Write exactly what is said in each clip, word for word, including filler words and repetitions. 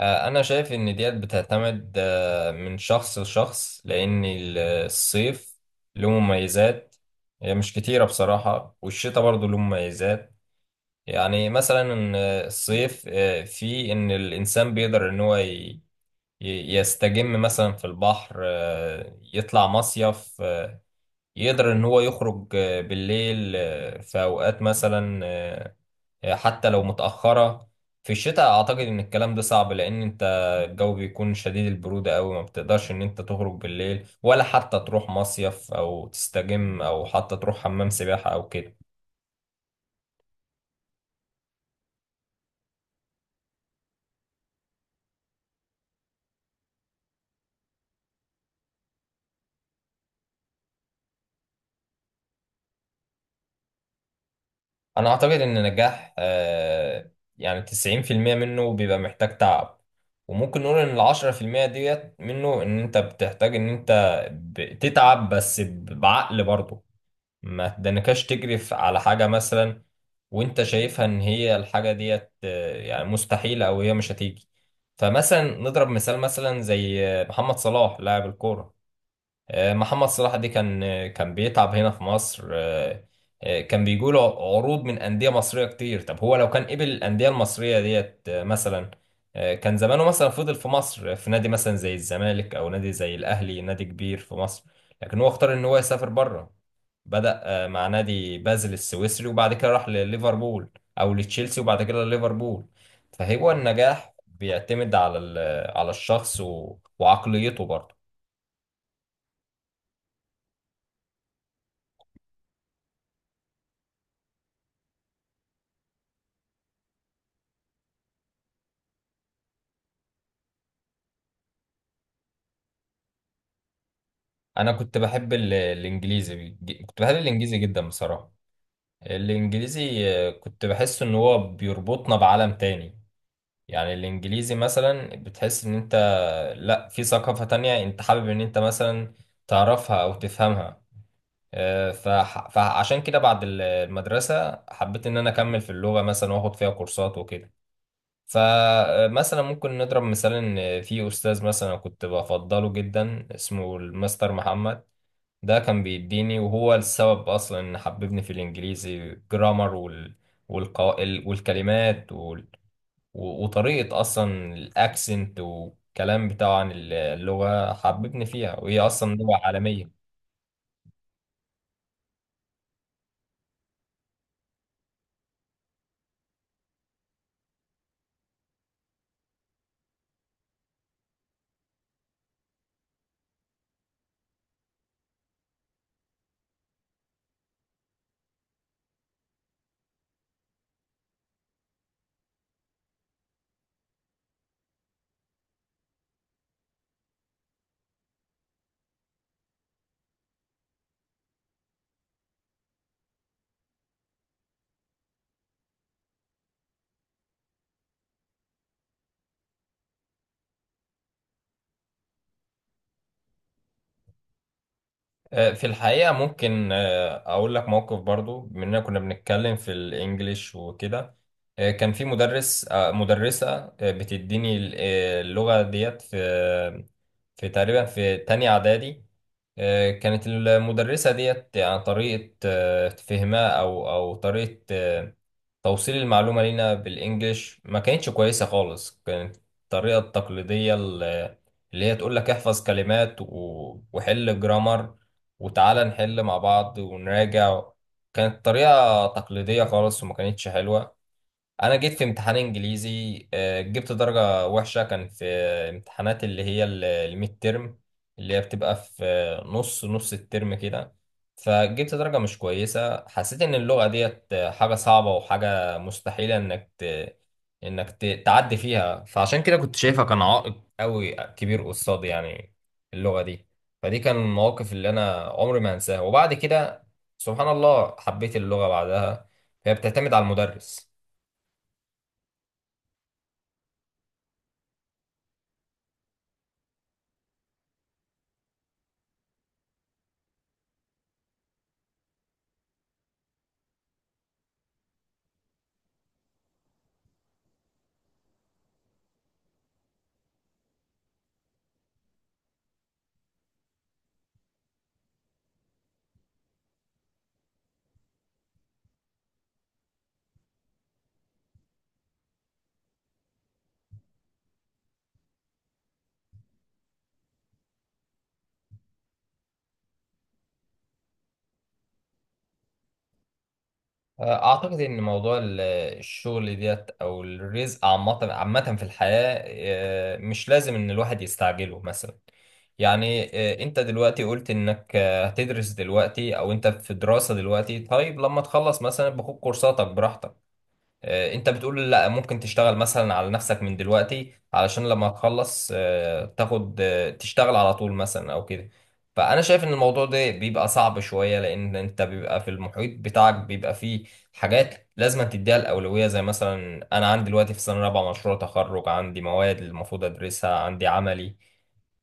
آه، أنا شايف إن ديت بتعتمد آه، من شخص لشخص، لأن ال- الصيف له مميزات، هي مش كتيرة بصراحة، والشتاء برضه له مميزات. يعني مثلا آه، الصيف آه، فيه إن الإنسان بيقدر إن هو ي- ي- يستجم مثلا في البحر، آه، يطلع مصيف، آه، يقدر إن هو يخرج آه، بالليل آه، في أوقات مثلا، آه، حتى لو متأخرة. في الشتاء أعتقد إن الكلام ده صعب، لأن أنت الجو بيكون شديد البرودة أوي، ما بتقدرش إن أنت تخرج بالليل ولا حتى تروح مصيف أو تستجم أو حتى تروح حمام سباحة أو كده. أنا أعتقد إن نجاح آه، يعني تسعين في المية منه بيبقى محتاج تعب، وممكن نقول إن العشرة في المية ديت منه إن أنت بتحتاج إن أنت بتتعب بس بعقل برضه. ما تدنكاش تجري في- على حاجة مثلا وانت شايفها ان هي الحاجة ديت آه، يعني مستحيلة او هي مش هتيجي. فمثلا نضرب مثال مثلا زي آه، محمد صلاح لاعب الكورة. آه، محمد صلاح دي كان آه، كان بيتعب هنا في مصر. آه، آه، كان بيجوله عروض من أندية مصرية كتير. طب هو لو كان قبل الأندية المصرية ديت آه، مثلا آه، كان زمانه مثلا فضل في مصر، آه، في نادي مثلا زي الزمالك أو نادي زي الأهلي، نادي كبير في مصر. لكن هو اختار إن هو يسافر بره. بدأ آه، مع نادي بازل السويسري، وبعد كده راح لليفربول أو لتشيلسي وبعد كده لليفربول. فهو النجاح بيعتمد على ال- على الشخص و- وعقليته برضه. انا كنت بحب ال- الانجليزي. بيج- كنت بحب الانجليزي جدا بصراحه. الانجليزي، آه، كنت بحس ان هو بيربطنا بعالم تاني. يعني الانجليزي مثلا بتحس ان انت، لا، في ثقافه تانية انت حابب ان انت مثلا تعرفها او تفهمها. آه، فح- فعشان كده بعد ال- المدرسه حبيت ان انا اكمل في اللغه مثلا واخد فيها كورسات وكده. فمثلا ممكن نضرب مثال ان في استاذ مثلا كنت بفضله جدا اسمه المستر محمد. ده كان بيديني وهو السبب اصلا ان حببني في الانجليزي، جرامر وال... والقو... ال- والكلمات وال... و- وطريقة اصلا الاكسنت والكلام بتاعه عن اللغة حببني فيها، وهي اصلا لغة عالمية. آه، في الحقيقة ممكن آه، أقول لك موقف برضو بما إننا كنا بنتكلم في الإنجليش وكده. آه، كان في مدرس، آه، مدرسة آه، بتديني ال- آه، اللغة ديت في في تقريبا في تانية إعدادي. آه، كانت المدرسة ديت يعني طريقة آه، فهمها أو أو طريقة آه، توصيل المعلومة لينا بالإنجليش ما كانتش كويسة خالص. كانت الطريقة التقليدية، ال- اللي هي تقول لك احفظ كلمات و- وحل جرامر وتعالى نحل مع بعض ونراجع. كانت طريقة تقليدية خالص وما كانتش حلوة. انا جيت في امتحان انجليزي آه، جبت درجة وحشة. كان في امتحانات اللي هي ال- الميد ترم، اللي هي بتبقى في آه، نص نص الترم كده. فجبت درجة مش كويسة. حسيت ان اللغة ديت آه، حاجة صعبة وحاجة مستحيلة انك ت... انك ت... تعدي فيها، فعشان كده كنت شايفها كان عائق قوي كبير قصادي، يعني اللغة دي. فدي كان المواقف اللي انا عمري ما هنساها، وبعد كده سبحان الله حبيت اللغة بعدها. هي بتعتمد على المدرس. أعتقد إن موضوع ال- الشغل ديت أو الرزق عامة عامة في الحياة آه، مش لازم إن الواحد يستعجله مثلا. يعني آه، أنت دلوقتي قلت إنك آه، هتدرس دلوقتي أو أنت في دراسة دلوقتي، طيب لما تخلص مثلا باخد كورساتك براحتك. آه، انت بتقول لا، ممكن تشتغل مثلا على نفسك من دلوقتي علشان لما تخلص آه، تاخد آه، تشتغل على طول مثلا او كده. فانا شايف ان الموضوع ده بيبقى صعب شوية، لان انت بيبقى في المحيط بتاعك بيبقى فيه حاجات لازم تديها الاولوية، زي مثلا انا عندي دلوقتي في سنة رابعة مشروع تخرج، عندي مواد المفروض ادرسها، عندي عملي.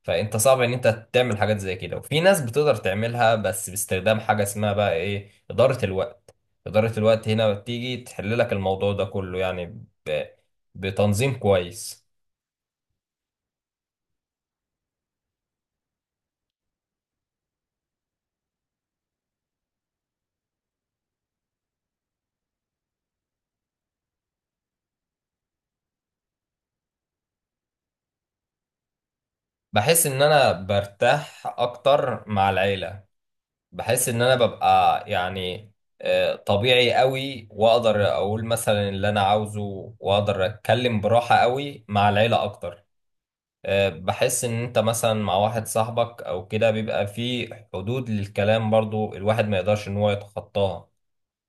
فانت صعب ان انت تعمل حاجات زي كده، وفي ناس بتقدر تعملها بس باستخدام حاجه اسمها بقى ايه، اداره الوقت. اداره الوقت هنا بتيجي تحل لك الموضوع ده كله، يعني ب... بتنظيم كويس. بحس ان انا برتاح اكتر مع العيله. بحس ان انا ببقى يعني آه، طبيعي قوي، واقدر اقول مثلا اللي انا عاوزه واقدر اتكلم براحه قوي مع العيله اكتر. آه، بحس ان انت مثلا مع واحد صاحبك او كده بيبقى في حدود للكلام برضو، الواحد ما يقدرش ان هو يتخطاها.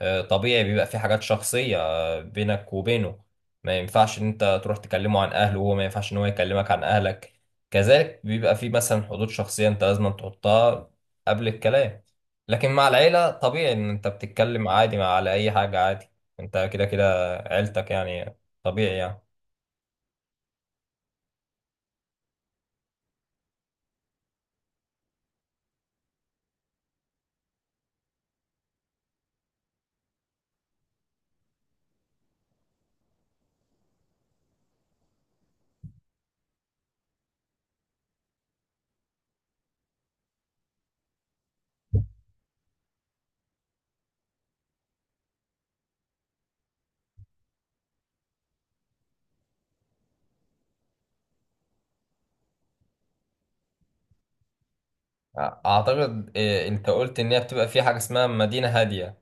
آه، طبيعي بيبقى في حاجات شخصية آه، بينك وبينه، ما ينفعش ان انت تروح تكلمه عن اهله وهو ما ينفعش ان هو يكلمك عن اهلك. كذلك بيبقى في مثلا حدود شخصية انت لازم تحطها قبل الكلام. لكن مع العيلة طبيعي ان انت بتتكلم عادي مع على اي حاجة عادي، انت كده كده عيلتك يعني، طبيعي يعني. اعتقد إيه، انت قلت ان هي بتبقى في حاجه اسمها مدينه هاديه،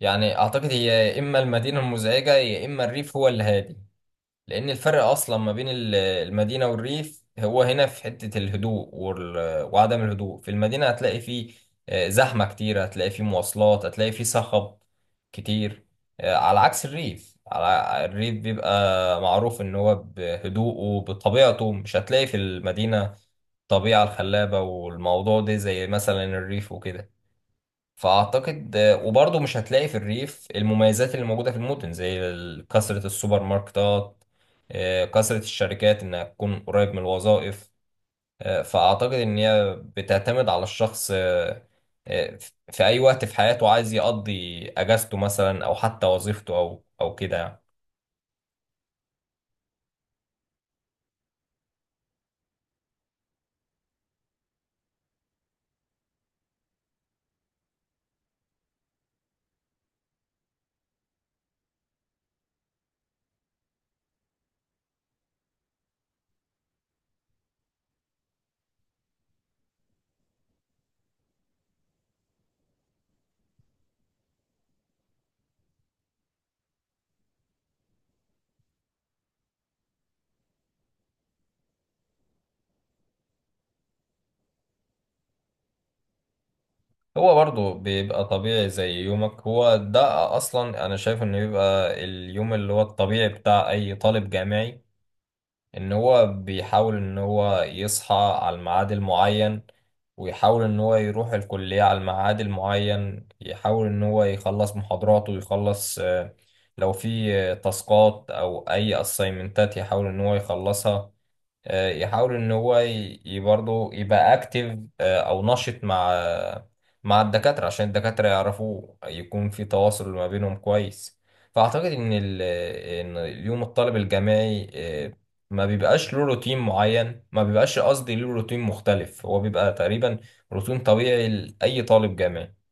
يعني اعتقد هي يا اما المدينه المزعجه يا اما الريف هو اللي هادي. لأن الفرق أصلا ما بين ال- المدينة والريف هو هنا في حتة الهدوء وال- وعدم الهدوء. في المدينة هتلاقي فيه آه، زحمة كتير، هتلاقي فيه مواصلات، هتلاقي فيه صخب كتير. آه، على عكس الريف، على الريف بيبقى معروف إن هو بهدوءه بطبيعته. مش هتلاقي في المدينة الطبيعة الخلابة والموضوع ده زي مثلا الريف وكده. فاعتقد آه، وبرضه مش هتلاقي في الريف المميزات اللي موجوده في المدن، زي ال- كثره السوبر ماركتات، آه، كثره الشركات انها تكون قريب من الوظائف. آه، فاعتقد ان هي بتعتمد على الشخص آه، آه، في اي وقت في حياته عايز يقضي اجازته مثلا او حتى وظيفته او او كده يعني. هو برضه بيبقى طبيعي زي يومك. هو ده اصلا انا شايف انه بيبقى اليوم اللي هو الطبيعي بتاع اي طالب جامعي. ان هو بيحاول ان هو يصحى على الميعاد المعين، ويحاول ان هو يروح الكلية على الميعاد المعين، يحاول ان هو يخلص محاضراته ويخلص، آه، لو في آه، تاسكات او اي اسايمنتات يحاول ان هو يخلصها. آه، يحاول ان هو ي- ي- برضه يبقى اكتف او نشط مع آه، مع الدكاترة عشان الدكاترة يعرفوه، يكون في تواصل ما بينهم كويس. فاعتقد ان ال- ان اليوم الطالب الجامعي آه، ما بيبقاش له روتين معين، ما بيبقاش قصدي له روتين مختلف. هو بيبقى تقريبا روتين طبيعي لأي طالب جامعي.